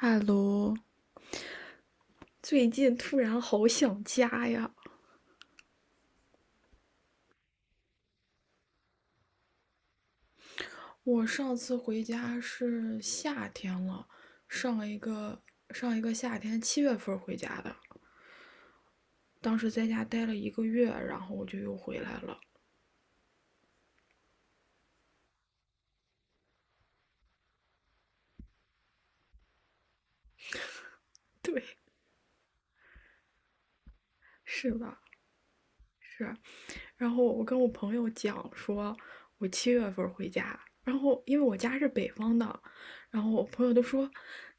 哈喽，最近突然好想家呀！我上次回家是夏天了，上一个上一个夏天七月份回家的，当时在家待了一个月，然后我就又回来了。对，是吧？是。然后我跟我朋友讲说，我七月份回家，然后因为我家是北方的，然后我朋友都说，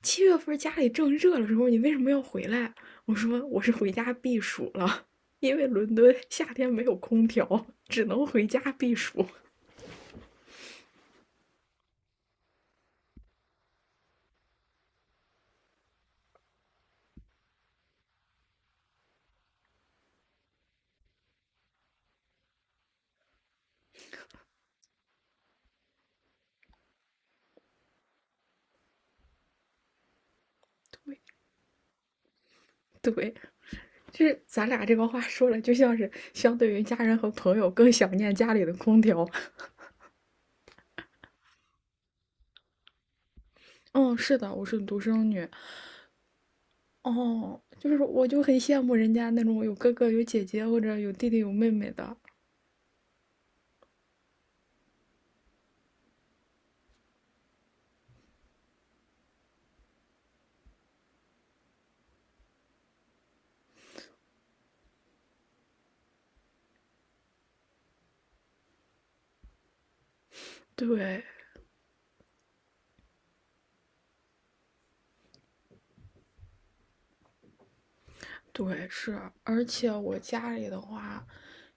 七月份家里正热的时候，你为什么要回来？我说我是回家避暑了，因为伦敦夏天没有空调，只能回家避暑。对对，就是咱俩这个话说了，就像是相对于家人和朋友更想念家里的空调。嗯，是的，我是独生女。哦，就是我就很羡慕人家那种有哥哥有姐姐或者有弟弟有妹妹的。对，对，是。而且我家里的话，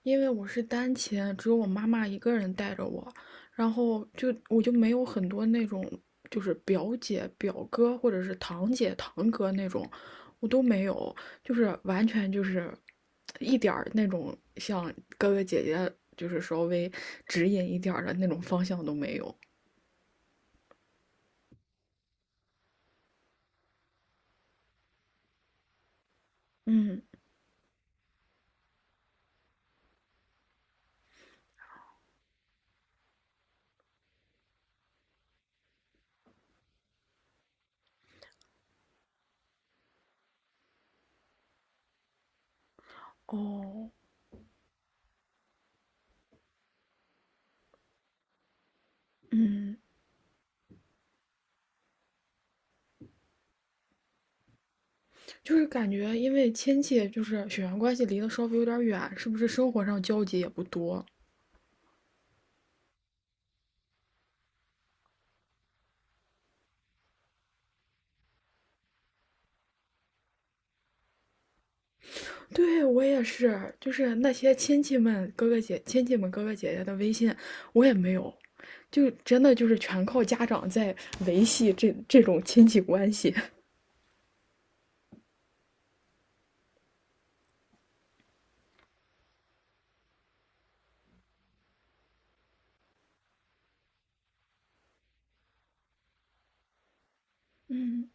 因为我是单亲，只有我妈妈一个人带着我，然后就我就没有很多那种就是表姐、表哥或者是堂姐、堂哥那种，我都没有，就是完全就是一点儿那种像哥哥姐姐就是稍微指引一点儿的那种方向都没有。嗯。哦，嗯，就是感觉因为亲戚就是血缘关系离得稍微有点远，是不是生活上交集也不多？对，我也是，就是那些亲戚们、哥哥姐、亲戚们哥哥姐姐的微信，我也没有，就真的就是全靠家长在维系这种亲戚关系。嗯，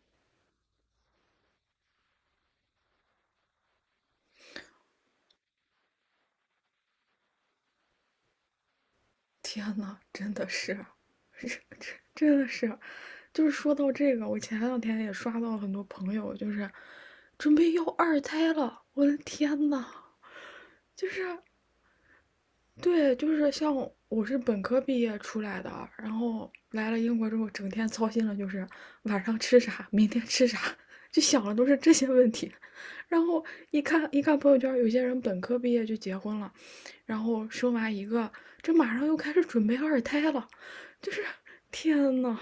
天呐，真的是，这这真的是，就是说到这个，我前两天也刷到很多朋友，就是准备要二胎了，我的天呐！就是对，就是像我是本科毕业出来的，然后来了英国之后，整天操心的就是晚上吃啥，明天吃啥，就想的都是这些问题。然后一看一看朋友圈，有些人本科毕业就结婚了，然后生完一个，这马上又开始准备二胎了，就是天呐，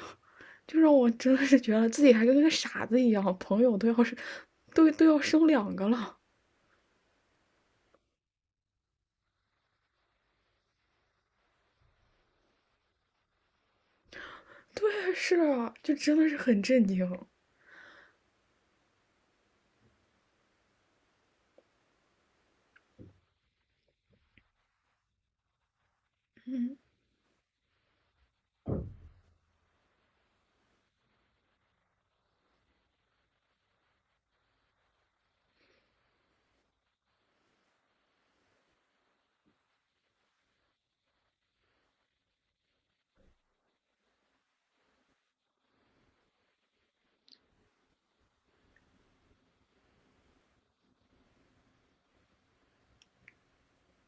就让我真的是觉得自己还跟个傻子一样，朋友都要生两个了。对，是啊就真的是很震惊。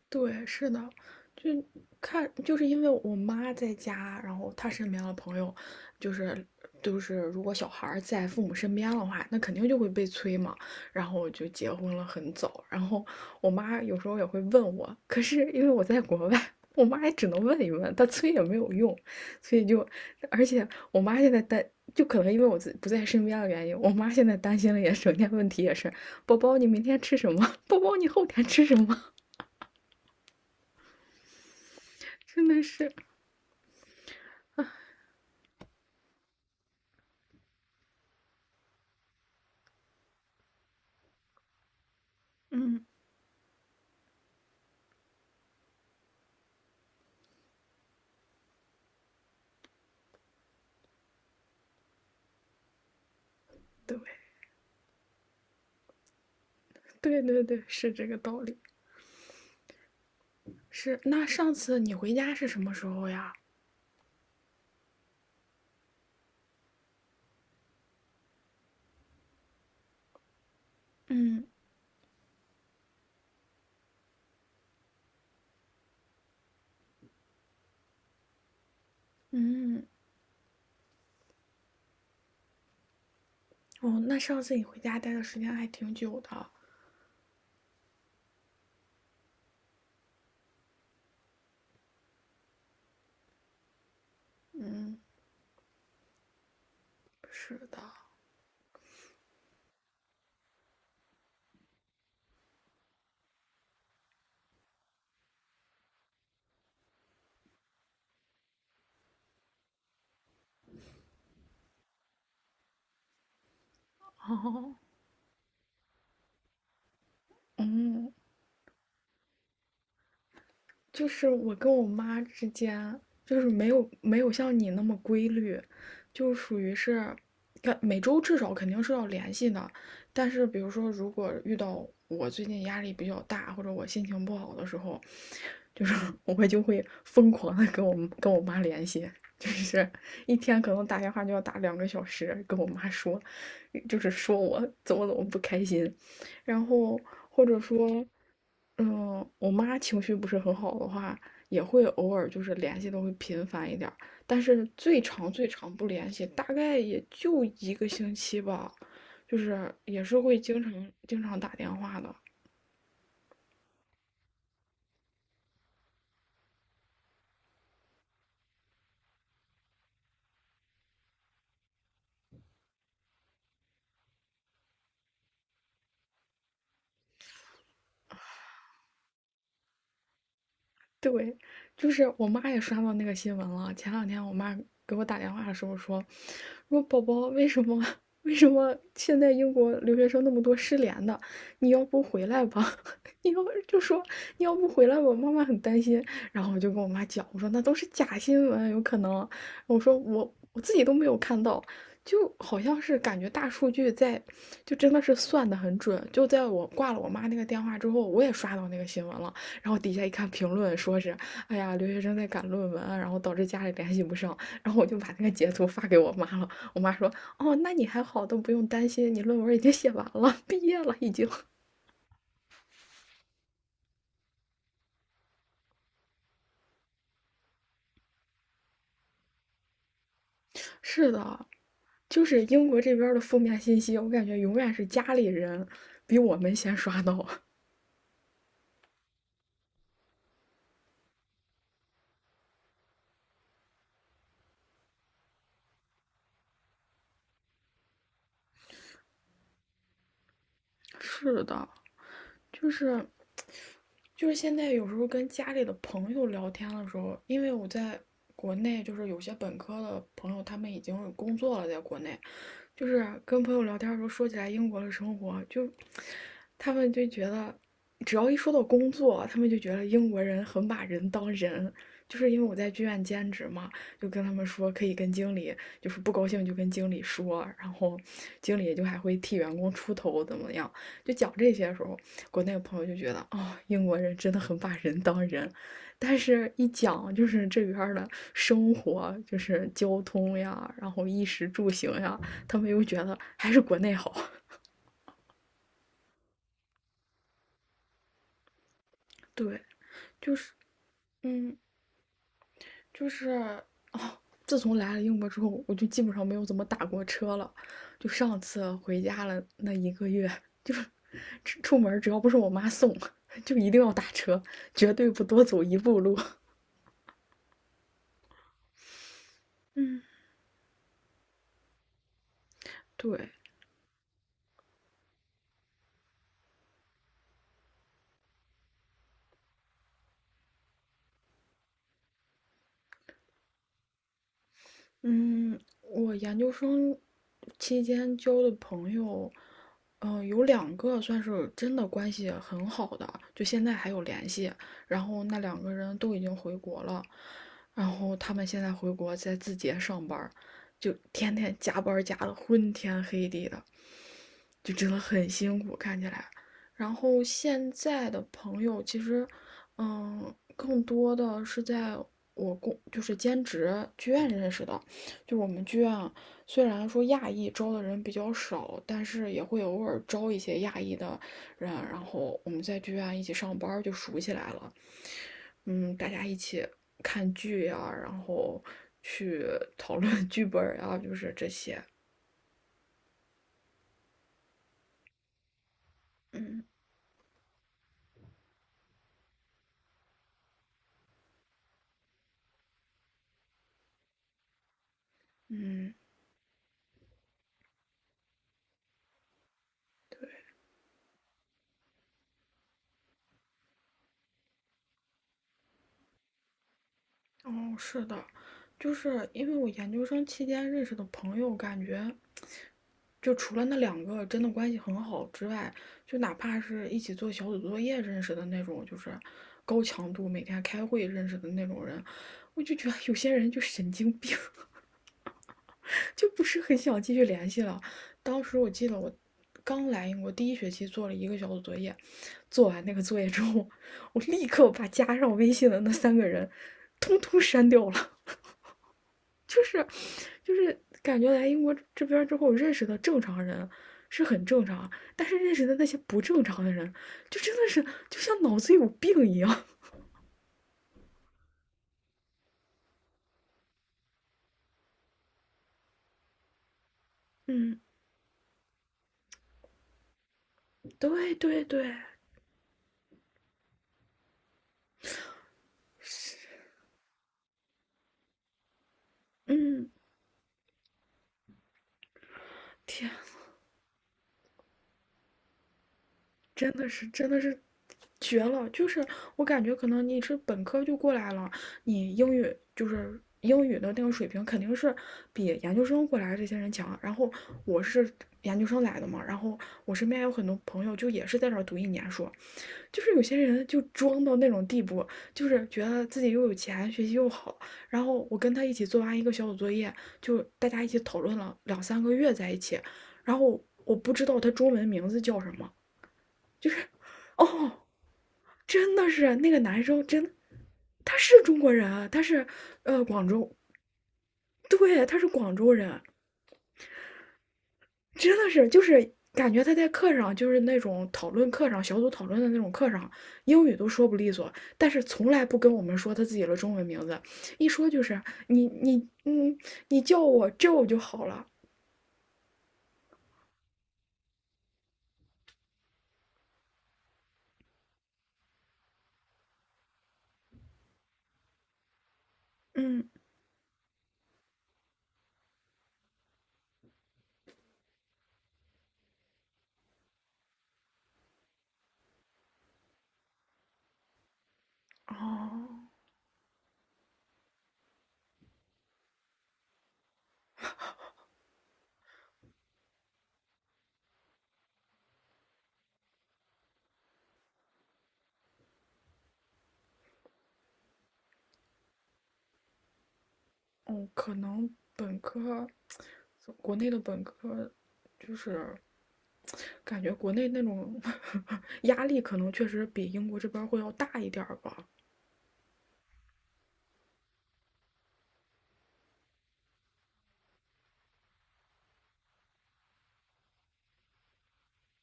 对，是的，就看，就是因为我妈在家，然后她身边的朋友，就是就是如果小孩儿在父母身边的话，那肯定就会被催嘛。然后就结婚了很早，然后我妈有时候也会问我，可是因为我在国外，我妈也只能问一问，她催也没有用，所以就，而且我妈现在担，就可能因为我自不在身边的原因，我妈现在担心的也整天问题也是，宝宝你明天吃什么？宝宝你后天吃什么？真的是。对对对对，是这个道理。是，那上次你回家是什么时候呀？嗯嗯，哦，那上次你回家待的时间还挺久的。是的，哦，嗯。就是我跟我妈之间，就是没有像你那么规律，就属于是，看每周至少肯定是要联系的。但是比如说，如果遇到我最近压力比较大，或者我心情不好的时候，就是 我会就会疯狂的跟我妈联系，就是一天可能打电话就要打2个小时，跟我妈说，就是说我怎么怎么不开心，然后或者说，嗯，我妈情绪不是很好的话，也会偶尔就是联系的会频繁一点儿，但是最长最长不联系，大概也就一个星期吧，就是也是会经常经常打电话的。对，就是我妈也刷到那个新闻了。前两天我妈给我打电话的时候说，说宝宝为什么 为什么现在英国留学生那么多失联的？你要不回来吧？你要就说你要不回来吧，妈妈很担心。然后我就跟我妈讲，我说那都是假新闻，有可能。我说我自己都没有看到，就好像是感觉大数据在，就真的是算的很准。就在我挂了我妈那个电话之后，我也刷到那个新闻了。然后底下一看评论说是，哎呀，留学生在赶论文啊然后导致家里联系不上，然后我就把那个截图发给我妈了。我妈说，哦，那你还好，都不用担心，你论文已经写完了，毕业了已经。是的，就是英国这边的负面信息，我感觉永远是家里人比我们先刷到。是的，就是就是现在有时候跟家里的朋友聊天的时候，因为我在国内，就是有些本科的朋友他们已经有工作了，在国内，就是跟朋友聊天的时候说起来英国的生活，就他们就觉得，只要一说到工作，他们就觉得英国人很把人当人。就是因为我在剧院兼职嘛，就跟他们说可以跟经理，就是不高兴就跟经理说，然后经理就还会替员工出头怎么样。就讲这些的时候，国内的朋友就觉得哦，英国人真的很把人当人，但是一讲就是这边的生活，就是交通呀，然后衣食住行呀，他们又觉得还是国内好。对，就是，嗯，就是，哦，自从来了英国之后，我就基本上没有怎么打过车了。就上次回家了那一个月，就是出门只要不是我妈送，就一定要打车，绝对不多走一步路。嗯，对，嗯，我研究生期间交的朋友，嗯，有两个算是真的关系很好的，就现在还有联系。然后那两个人都已经回国了，然后他们现在回国在字节上班儿就天天加班儿加的昏天黑地的，就真的很辛苦，看起来。然后现在的朋友其实，嗯，更多的是在我工就是兼职剧院认识的。就我们剧院，虽然说亚裔招的人比较少，但是也会偶尔招一些亚裔的人，然后我们在剧院一起上班就熟起来了。嗯，大家一起看剧呀、然后去讨论剧本呀、就是这些。嗯嗯，哦，是的，就是因为我研究生期间认识的朋友，感觉就除了那两个真的关系很好之外，就哪怕是一起做小组作业认识的那种，就是高强度每天开会认识的那种人，我就觉得有些人就神经病，就不是很想继续联系了。当时我记得我刚来英国第一学期做了一个小组作业，做完那个作业之后，我立刻把加上微信的那三个人通通删掉了。就是就是感觉来英国这边之后认识的正常人是很正常啊，但是认识的那些不正常的人，就真的是就像脑子有病一样。嗯，对对对，嗯，天，真的是真的是绝了！就是我感觉可能你是本科就过来了，你英语就是英语的那个水平肯定是比研究生过来的这些人强。然后我是研究生来的嘛，然后我身边有很多朋友就也是在这儿读一年书，就是有些人就装到那种地步，就是觉得自己又有钱，学习又好。然后我跟他一起做完一个小组作业，就大家一起讨论了两三个月在一起。然后我不知道他中文名字叫什么，就是哦，真的是那个男生真的，他是中国人啊，他是呃广州，对，他是广州人，真的是，就是感觉他在课上，就是那种讨论课上、小组讨论的那种课上，英语都说不利索，但是从来不跟我们说他自己的中文名字，一说就是你你嗯，你叫我 Joe 就好了。嗯。哦，哦，可能本科，国内的本科，就是感觉国内那种 压力，可能确实比英国这边会要大一点儿吧。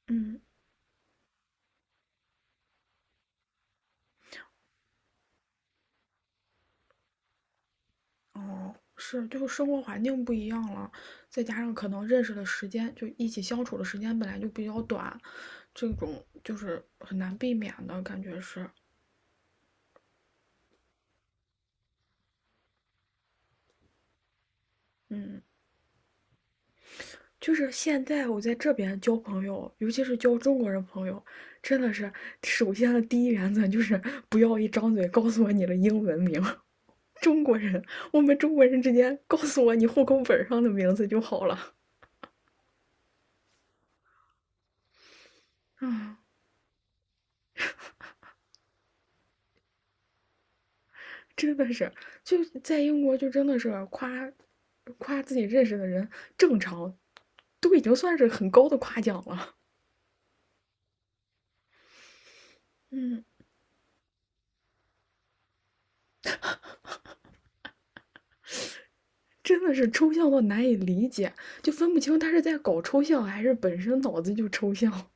嗯，哦，是，就是生活环境不一样了，再加上可能认识的时间，就一起相处的时间本来就比较短，这种就是很难避免的感觉是，嗯，就是现在我在这边交朋友，尤其是交中国人朋友，真的是首先的第一原则就是 不要一张嘴告诉我你的英文名，中国人，我们中国人之间告诉我你户口本上的名字就好了。真的是，就在英国就真的是夸自己认识的人，正常都已经算是很高的夸奖了。嗯，真的是抽象到难以理解，就分不清他是在搞抽象还是本身脑子就抽象。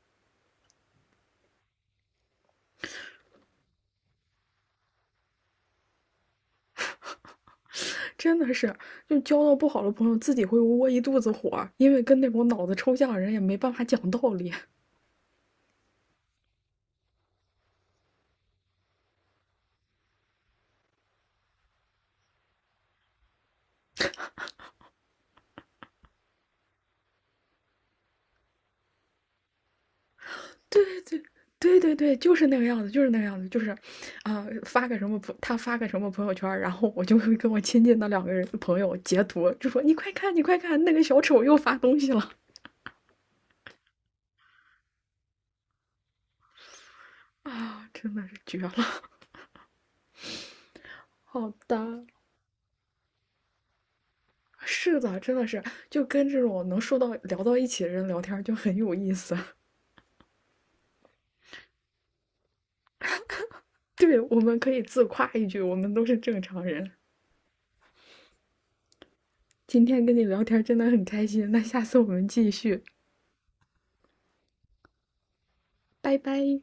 真的是，就交到不好的朋友，自己会窝一肚子火，因为跟那种脑子抽象的人也没办法讲道理。对对对对对，就是那个样子，就是那个样子，就是，啊、发个什么朋，他发个什么朋友圈儿然后我就会跟我亲近的两个人朋友截图，就说你快看，你快看，那个小丑又发东西了啊，真的是绝了。好的，是的，真的是，就跟这种能说到聊到一起的人聊天儿就很有意思。对，我们可以自夸一句，我们都是正常人。今天跟你聊天儿真的很开心，那下次我们继续，拜拜。